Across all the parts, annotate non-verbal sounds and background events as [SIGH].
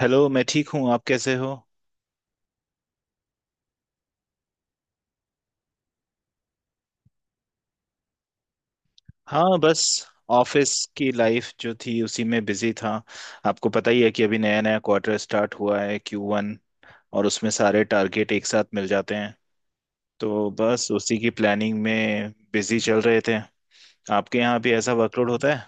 Hello. मैं ठीक हूँ, आप कैसे हो। हाँ बस, ऑफिस की लाइफ जो थी उसी में बिजी था। आपको पता ही है कि अभी नया नया क्वार्टर स्टार्ट हुआ है, क्यू वन। और उसमें सारे टारगेट एक साथ मिल जाते हैं, तो बस उसी की प्लानिंग में बिजी चल रहे थे। आपके यहाँ भी ऐसा वर्कलोड होता है?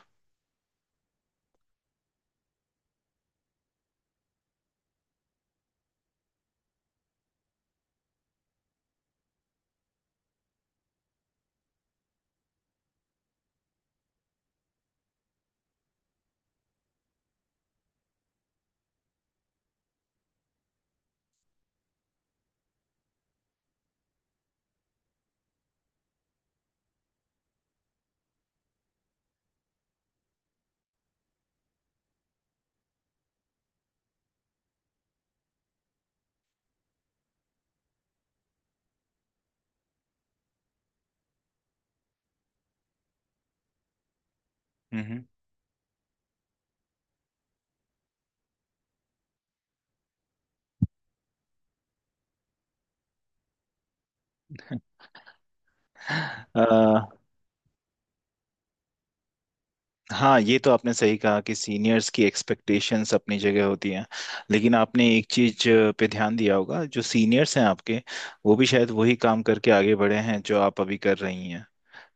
हम्म। [LAUGHS] हाँ, ये तो आपने सही कहा कि सीनियर्स की एक्सपेक्टेशंस अपनी जगह होती हैं। लेकिन आपने एक चीज पे ध्यान दिया होगा, जो सीनियर्स हैं आपके, वो भी शायद वही काम करके आगे बढ़े हैं जो आप अभी कर रही हैं।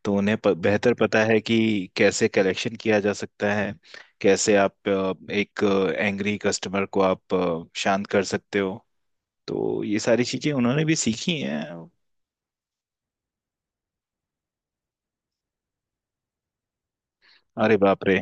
तो उन्हें बेहतर पता है कि कैसे कलेक्शन किया जा सकता है, कैसे आप एक एंग्री कस्टमर को आप शांत कर सकते हो। तो ये सारी चीजें उन्होंने भी सीखी हैं। अरे बाप रे।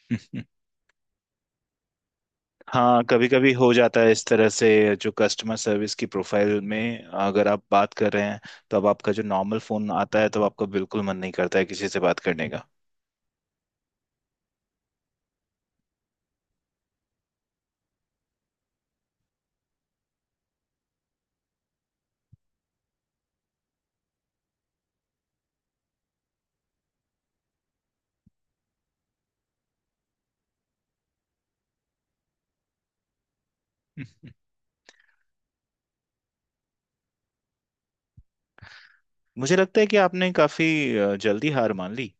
[LAUGHS] हाँ, कभी कभी हो जाता है इस तरह से। जो कस्टमर सर्विस की प्रोफाइल में अगर आप बात कर रहे हैं, तो अब आपका जो नॉर्मल फोन आता है तो आपका बिल्कुल मन नहीं करता है किसी से बात करने का। मुझे लगता है कि आपने काफी जल्दी हार मान ली।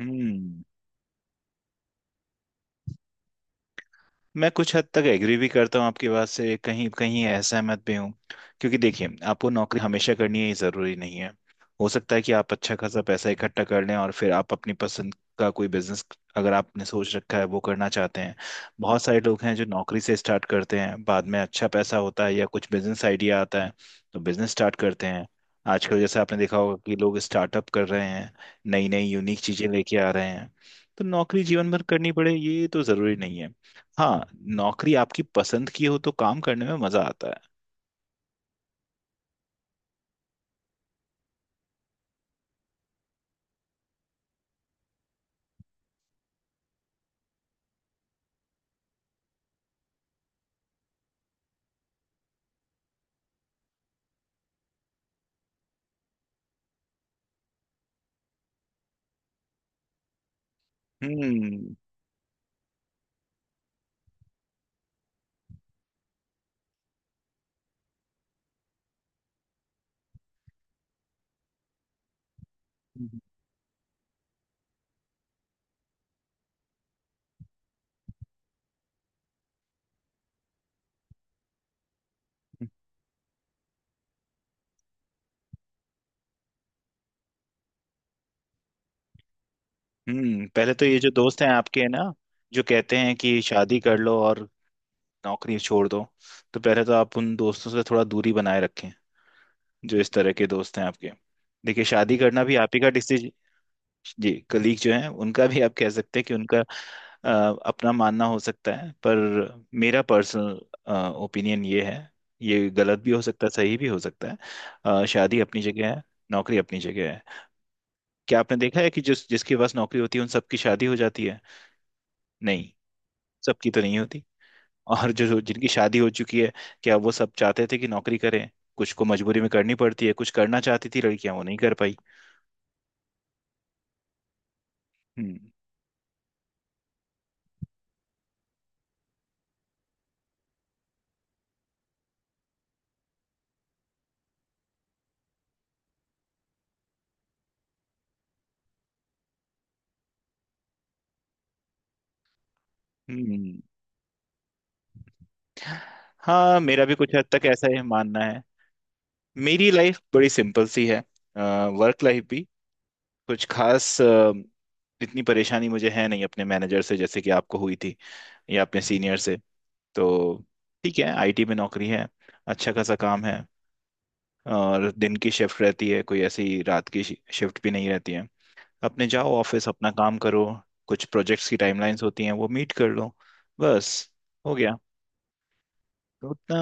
हम्म। मैं कुछ हद तक एग्री भी करता हूँ आपकी बात से, कहीं कहीं असहमत भी हूँ। क्योंकि देखिए, आपको नौकरी हमेशा करनी है ये ज़रूरी नहीं है। हो सकता है कि आप अच्छा खासा पैसा इकट्ठा कर लें और फिर आप अपनी पसंद का कोई बिजनेस, अगर आपने सोच रखा है, वो करना चाहते हैं। बहुत सारे लोग हैं जो नौकरी से स्टार्ट करते हैं, बाद में अच्छा पैसा होता है या कुछ बिजनेस आइडिया आता है, तो बिजनेस स्टार्ट करते हैं। आजकल जैसे आपने देखा होगा कि लोग स्टार्टअप कर रहे हैं, नई नई यूनिक चीज़ें लेके आ रहे हैं। तो नौकरी जीवन भर करनी पड़े ये तो ज़रूरी नहीं है। हाँ, नौकरी आपकी पसंद की हो तो काम करने में मजा आता है। हम्म। हम्म, पहले तो ये जो दोस्त हैं आपके, है ना, जो कहते हैं कि शादी कर लो और नौकरी छोड़ दो, तो पहले तो आप उन दोस्तों से थोड़ा दूरी बनाए रखें, जो इस तरह के दोस्त हैं आपके। देखिए, शादी करना भी आप ही का। जी, कलीग जो हैं उनका भी, आप कह सकते हैं कि उनका अ, अपना मानना हो सकता है, पर मेरा पर्सनल ओपिनियन ये है, ये गलत भी हो सकता है सही भी हो सकता है। शादी अपनी जगह है, नौकरी अपनी जगह है। क्या आपने देखा है कि जिस जिसके पास नौकरी होती है उन सबकी शादी हो जाती है? नहीं, सबकी तो नहीं होती। और जो जो- जिनकी शादी हो चुकी है, क्या वो सब चाहते थे कि नौकरी करें? कुछ को मजबूरी में करनी पड़ती है, कुछ करना चाहती थी लड़कियां वो नहीं कर पाई। हम्म। हम्म, हाँ, मेरा भी कुछ हद तक ऐसा ही मानना है। मेरी लाइफ बड़ी सिंपल सी है, वर्क लाइफ भी। कुछ खास इतनी परेशानी मुझे है नहीं अपने मैनेजर से जैसे कि आपको हुई थी, या अपने सीनियर से। तो ठीक है, आईटी में नौकरी है, अच्छा खासा काम है, और दिन की शिफ्ट रहती है, कोई ऐसी रात की शिफ्ट भी नहीं रहती है। अपने जाओ ऑफिस, अपना काम करो, कुछ प्रोजेक्ट्स की टाइमलाइंस होती हैं वो मीट कर लो, बस, हो गया। तो उतना।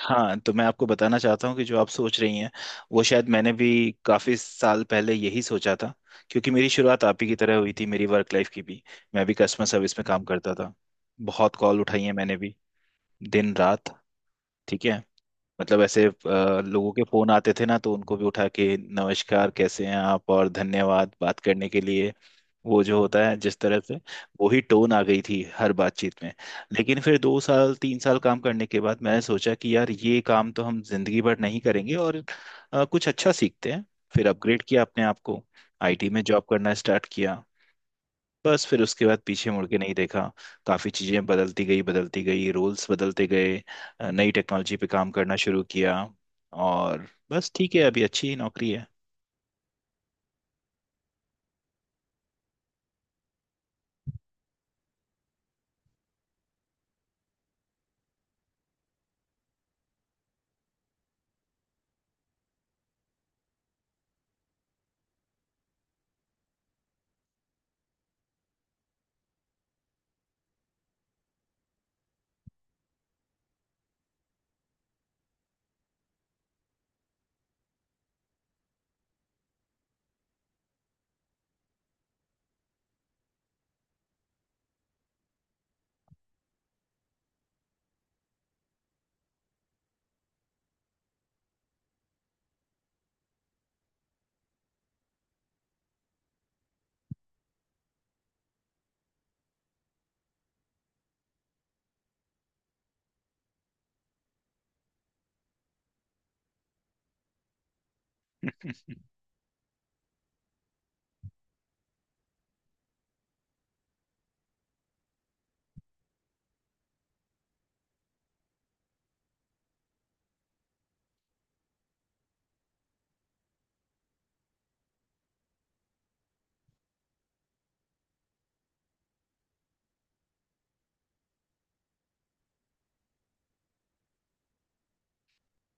हाँ, तो मैं आपको बताना चाहता हूँ कि जो आप सोच रही हैं, वो शायद मैंने भी काफ़ी साल पहले यही सोचा था। क्योंकि मेरी शुरुआत आप ही की तरह हुई थी, मेरी वर्क लाइफ की भी। मैं भी कस्टमर सर्विस में काम करता था, बहुत कॉल उठाई है मैंने भी, दिन रात। ठीक है, मतलब ऐसे लोगों के फोन आते थे ना, तो उनको भी उठा के नमस्कार कैसे हैं आप, और धन्यवाद बात करने के लिए। वो जो होता है जिस तरह से, वही टोन आ गई थी हर बातचीत में। लेकिन फिर 2 साल 3 साल काम करने के बाद मैंने सोचा कि यार ये काम तो हम जिंदगी भर नहीं करेंगे, और कुछ अच्छा सीखते हैं। फिर अपग्रेड किया अपने आप को, आईटी में जॉब करना स्टार्ट किया। बस फिर उसके बाद पीछे मुड़ के नहीं देखा। काफ़ी चीज़ें बदलती गई, रूल्स बदलते गए, नई टेक्नोलॉजी पे काम करना शुरू किया, और बस ठीक है, अभी अच्छी ही नौकरी है।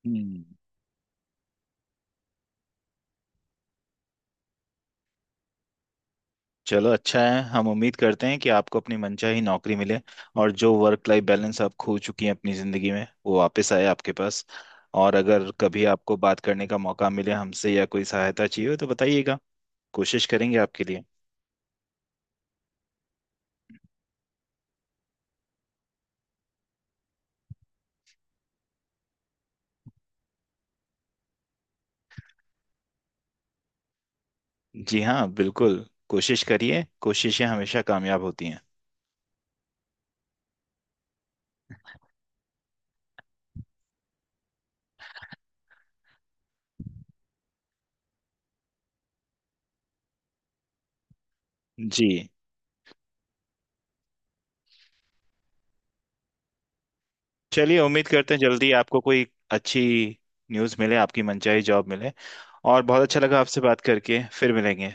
हम्म। चलो अच्छा है, हम उम्मीद करते हैं कि आपको अपनी मनचाही नौकरी मिले, और जो वर्क लाइफ बैलेंस आप खो चुकी हैं अपनी ज़िंदगी में वो वापस आए आपके पास। और अगर कभी आपको बात करने का मौका मिले हमसे या कोई सहायता चाहिए हो तो बताइएगा, कोशिश करेंगे आपके लिए। जी हाँ बिल्कुल, कोशिश करिए, कोशिशें हमेशा कामयाब होती हैं। जी। चलिए, उम्मीद करते हैं जल्दी आपको कोई अच्छी न्यूज़ मिले, आपकी मनचाही जॉब मिले। और बहुत अच्छा लगा आपसे बात करके, फिर मिलेंगे।